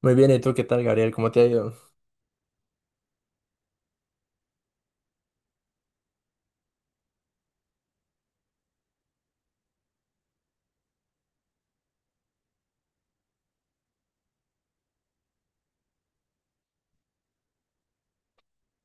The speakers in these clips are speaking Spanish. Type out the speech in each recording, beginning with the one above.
Muy bien, ¿y tú qué tal, Gabriel? ¿Cómo te ha ido?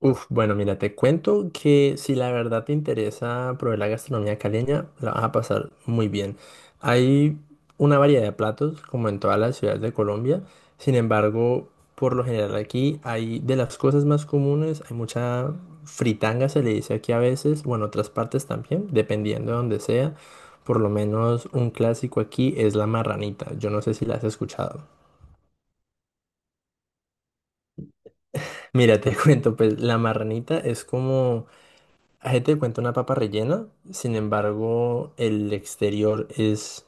Uf, bueno, mira, te cuento que si la verdad te interesa probar la gastronomía caleña, la vas a pasar muy bien. Hay una variedad de platos, como en todas las ciudades de Colombia. Sin embargo, por lo general aquí hay de las cosas más comunes, hay mucha fritanga, se le dice aquí a veces, bueno, otras partes también, dependiendo de donde sea. Por lo menos un clásico aquí es la marranita. Yo no sé si la has escuchado. Mira, te cuento, pues la marranita es como Gente te cuenta una papa rellena, sin embargo, el exterior es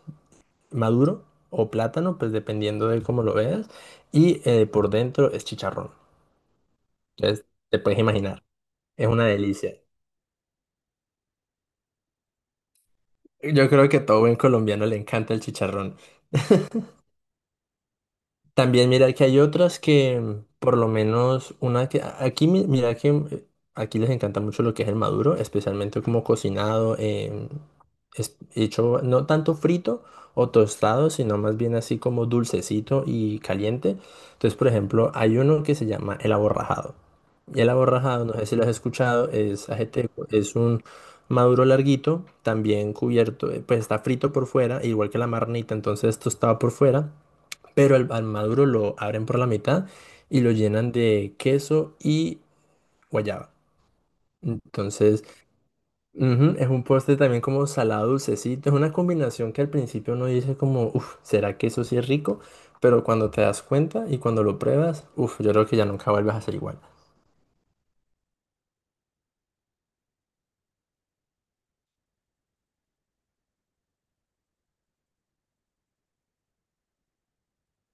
maduro o plátano, pues dependiendo de cómo lo veas, y por dentro es chicharrón. Entonces, te puedes imaginar, es una delicia. Yo creo que a todo buen colombiano le encanta el chicharrón. También mira que hay otras que, por lo menos una que aquí mira que aquí les encanta mucho lo que es el maduro, especialmente como cocinado, hecho no tanto frito o tostado, sino más bien así como dulcecito y caliente. Entonces, por ejemplo, hay uno que se llama el aborrajado. Y el aborrajado, no sé si lo has escuchado, es ajeteco, es un maduro larguito, también cubierto, pues está frito por fuera, igual que la marnita, entonces tostado por fuera pero al maduro lo abren por la mitad y lo llenan de queso y guayaba. Entonces, ujú, es un postre también como salado dulcecito. Es una combinación que al principio uno dice como, uff, ¿será que eso sí es rico? Pero cuando te das cuenta y cuando lo pruebas, uff, yo creo que ya nunca vuelves a ser igual.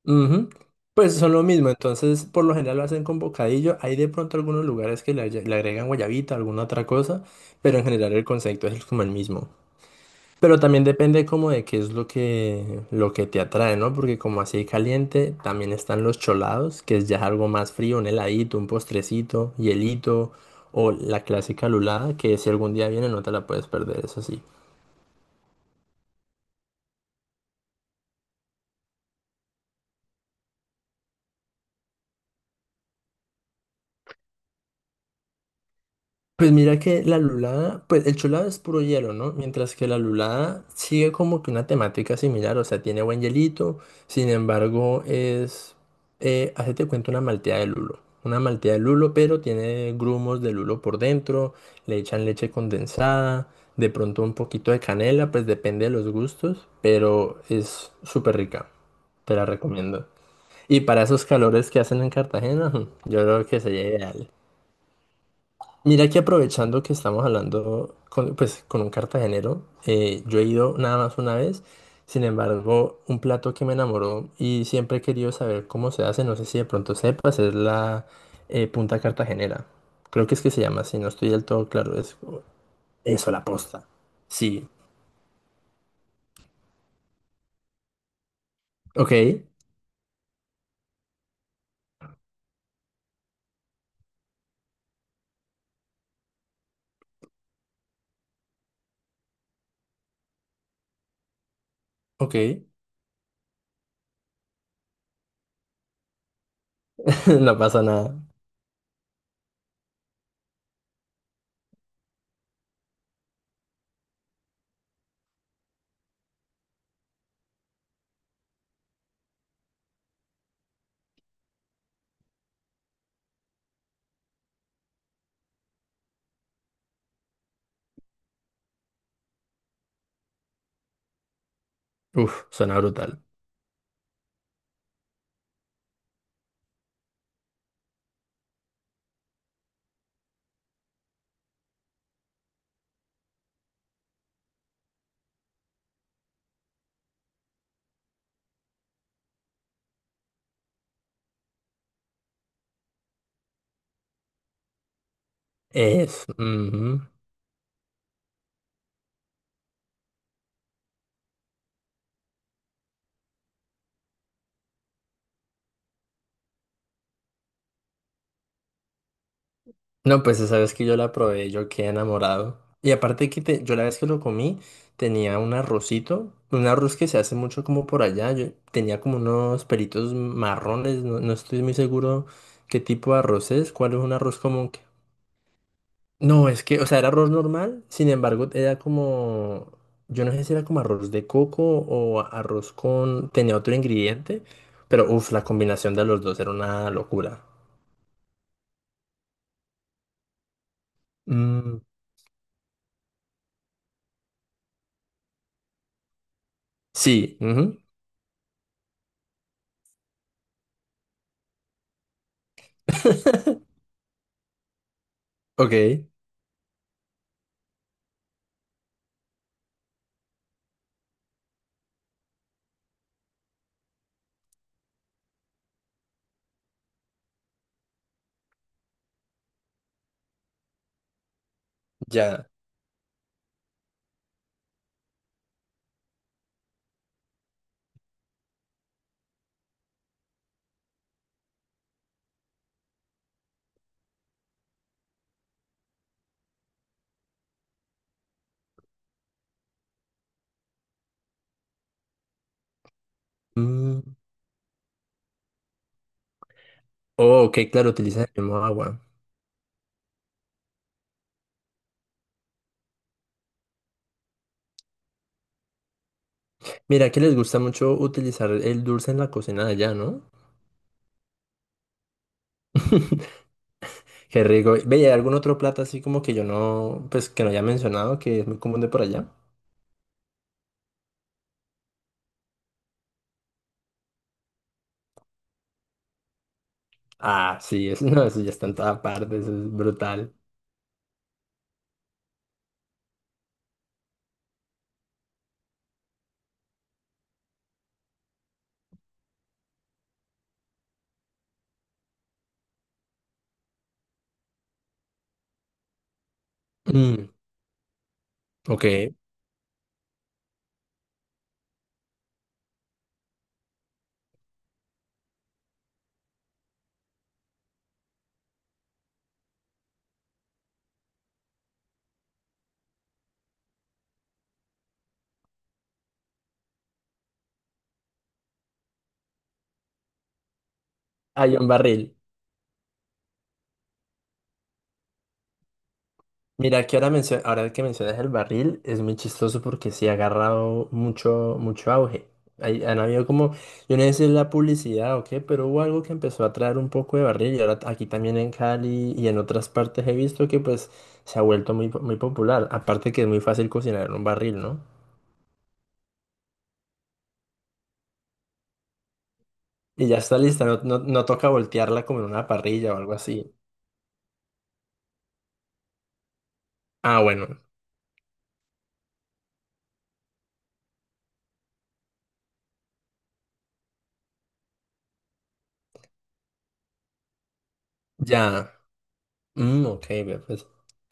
Ujú. Pues son lo mismo, entonces por lo general lo hacen con bocadillo. Hay de pronto algunos lugares que le agregan guayabita, alguna otra cosa, pero en general el concepto es como el mismo. Pero también depende como de qué es lo que, te atrae, ¿no? Porque como así caliente, también están los cholados, que es ya algo más frío, un heladito, un postrecito, hielito, o la clásica lulada, que si algún día viene no te la puedes perder, eso sí. Pues mira que la lulada, pues el chulado es puro hielo, ¿no? Mientras que la lulada sigue como que una temática similar, o sea, tiene buen hielito, sin embargo es, hacete cuenta una malteada de lulo, pero tiene grumos de lulo por dentro, le echan leche condensada, de pronto un poquito de canela, pues depende de los gustos, pero es súper rica, te la recomiendo. Y para esos calores que hacen en Cartagena, yo creo que sería ideal. Mira que aprovechando que estamos hablando con, pues, con un cartagenero, yo he ido nada más una vez, sin embargo, un plato que me enamoró y siempre he querido saber cómo se hace, no sé si de pronto sepas, es la punta cartagenera. Creo que es que se llama así, no estoy del todo claro, es eso, la posta. Sí, ok, ok, no pasa nada. Uf, suena brutal. Es, ujú. No, pues esa vez que yo la probé, yo quedé enamorado. Y aparte que yo la vez que lo comí, tenía un arrocito, un arroz que se hace mucho como por allá. Yo tenía como unos pelitos marrones, no estoy muy seguro qué tipo de arroz es, cuál es un arroz común. No, es que, o sea, era arroz normal, sin embargo, era como, yo no sé si era como arroz de coco o arroz con, tenía otro ingrediente, pero uff, la combinación de los dos era una locura. Mm, sí, ujú. Ok. Ya. Mm. Oh, ok, claro, utilizan el mismo agua. Mira, que les gusta mucho utilizar el dulce en la cocina de allá, ¿no? Qué rico. Ve, ¿y hay algún otro plato así como que yo no, pues que no haya mencionado, que es muy común de por allá? Ah, sí, eso, no, eso ya está en toda parte, eso es brutal. Mm, ok. Hay un barril. Mira, que ahora, ahora que mencionas el barril, es muy chistoso porque sí ha agarrado mucho, mucho auge. Han habido como, yo no sé si es la publicidad o qué, pero hubo algo que empezó a traer un poco de barril y ahora aquí también en Cali y en otras partes he visto que pues se ha vuelto muy, muy popular. Aparte que es muy fácil cocinar en un barril, ¿no? Y ya está lista, no, no, no toca voltearla como en una parrilla o algo así. Ah, bueno, ya. Mm, ok, ve, pues.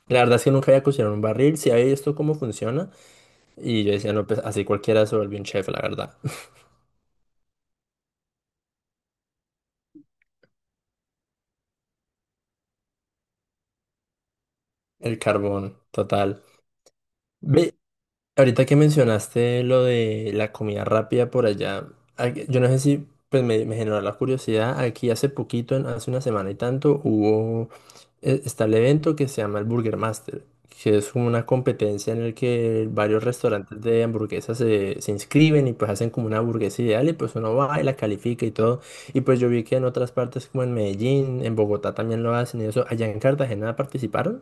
La verdad es que nunca había cocinado en un barril, sí había visto cómo funciona. Y yo decía, no, pues así cualquiera se vuelve un chef, la verdad. El carbón, total. Ve, ahorita que mencionaste lo de la comida rápida por allá, yo no sé si pues me generó la curiosidad. Aquí hace poquito, hace una semana y tanto, hubo, está el evento que se llama el Burger Master, que es como una competencia en el que varios restaurantes de hamburguesas se inscriben y pues hacen como una hamburguesa ideal y pues uno va y la califica y todo. Y pues yo vi que en otras partes como en Medellín, en Bogotá también lo hacen y eso. ¿Allá en Cartagena participaron?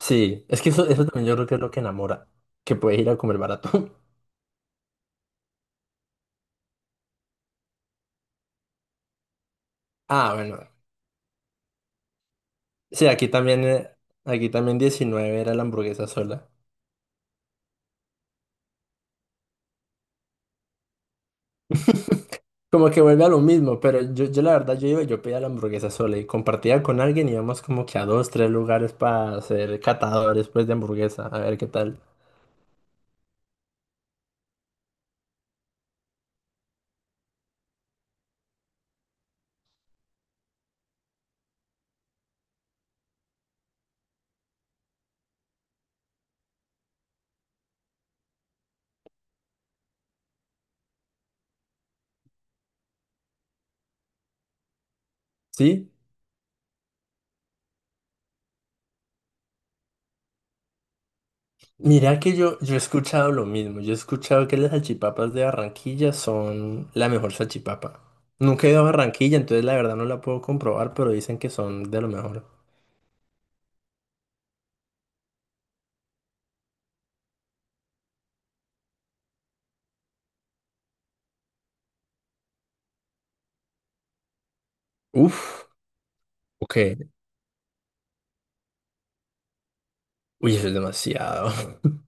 Sí, es que eso también yo creo que es lo que enamora, que puedes ir a comer barato. Ah, bueno. Sí, aquí también 19 era la hamburguesa sola. Como que vuelve a lo mismo, pero yo, la verdad yo iba y yo pedía la hamburguesa sola y compartía con alguien, íbamos como que a dos, tres lugares para ser catadores pues de hamburguesa, a ver qué tal. Sí, mira que yo, he escuchado lo mismo. Yo he escuchado que las salchipapas de Barranquilla son la mejor salchipapa. Nunca he ido a Barranquilla, entonces la verdad no la puedo comprobar, pero dicen que son de lo mejor. Uf, ok. Uy, eso es demasiado.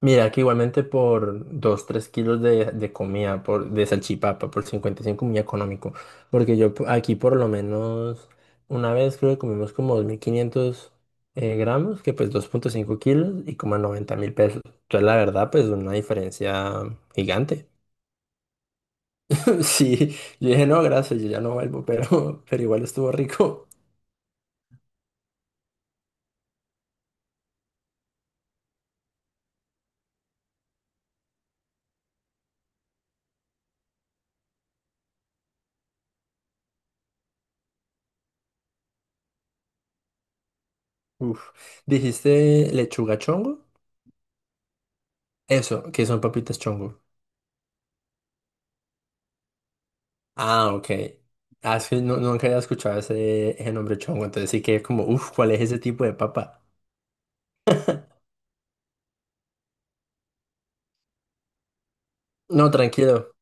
Mira, que igualmente por dos tres kilos de comida, por, de salchipapa, por 55 muy económico. Porque yo aquí por lo menos una vez creo que comimos como 2.500 gramos, que pues 2,5 kilos y como 90.000 pesos. Entonces la verdad pues una diferencia gigante. Sí, yo dije no, gracias, yo ya no vuelvo, pero igual estuvo rico. Uf. ¿Dijiste lechuga chongo? Eso, que son papitas chongo. Ah, ok. Ah, es que no, nunca había escuchado ese nombre chongo, entonces sí que como, uff, ¿cuál es ese tipo de papa? No, tranquilo.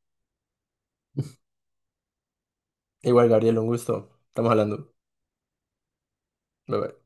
Igual, Gabriel, un gusto. Estamos hablando. Bye, bye.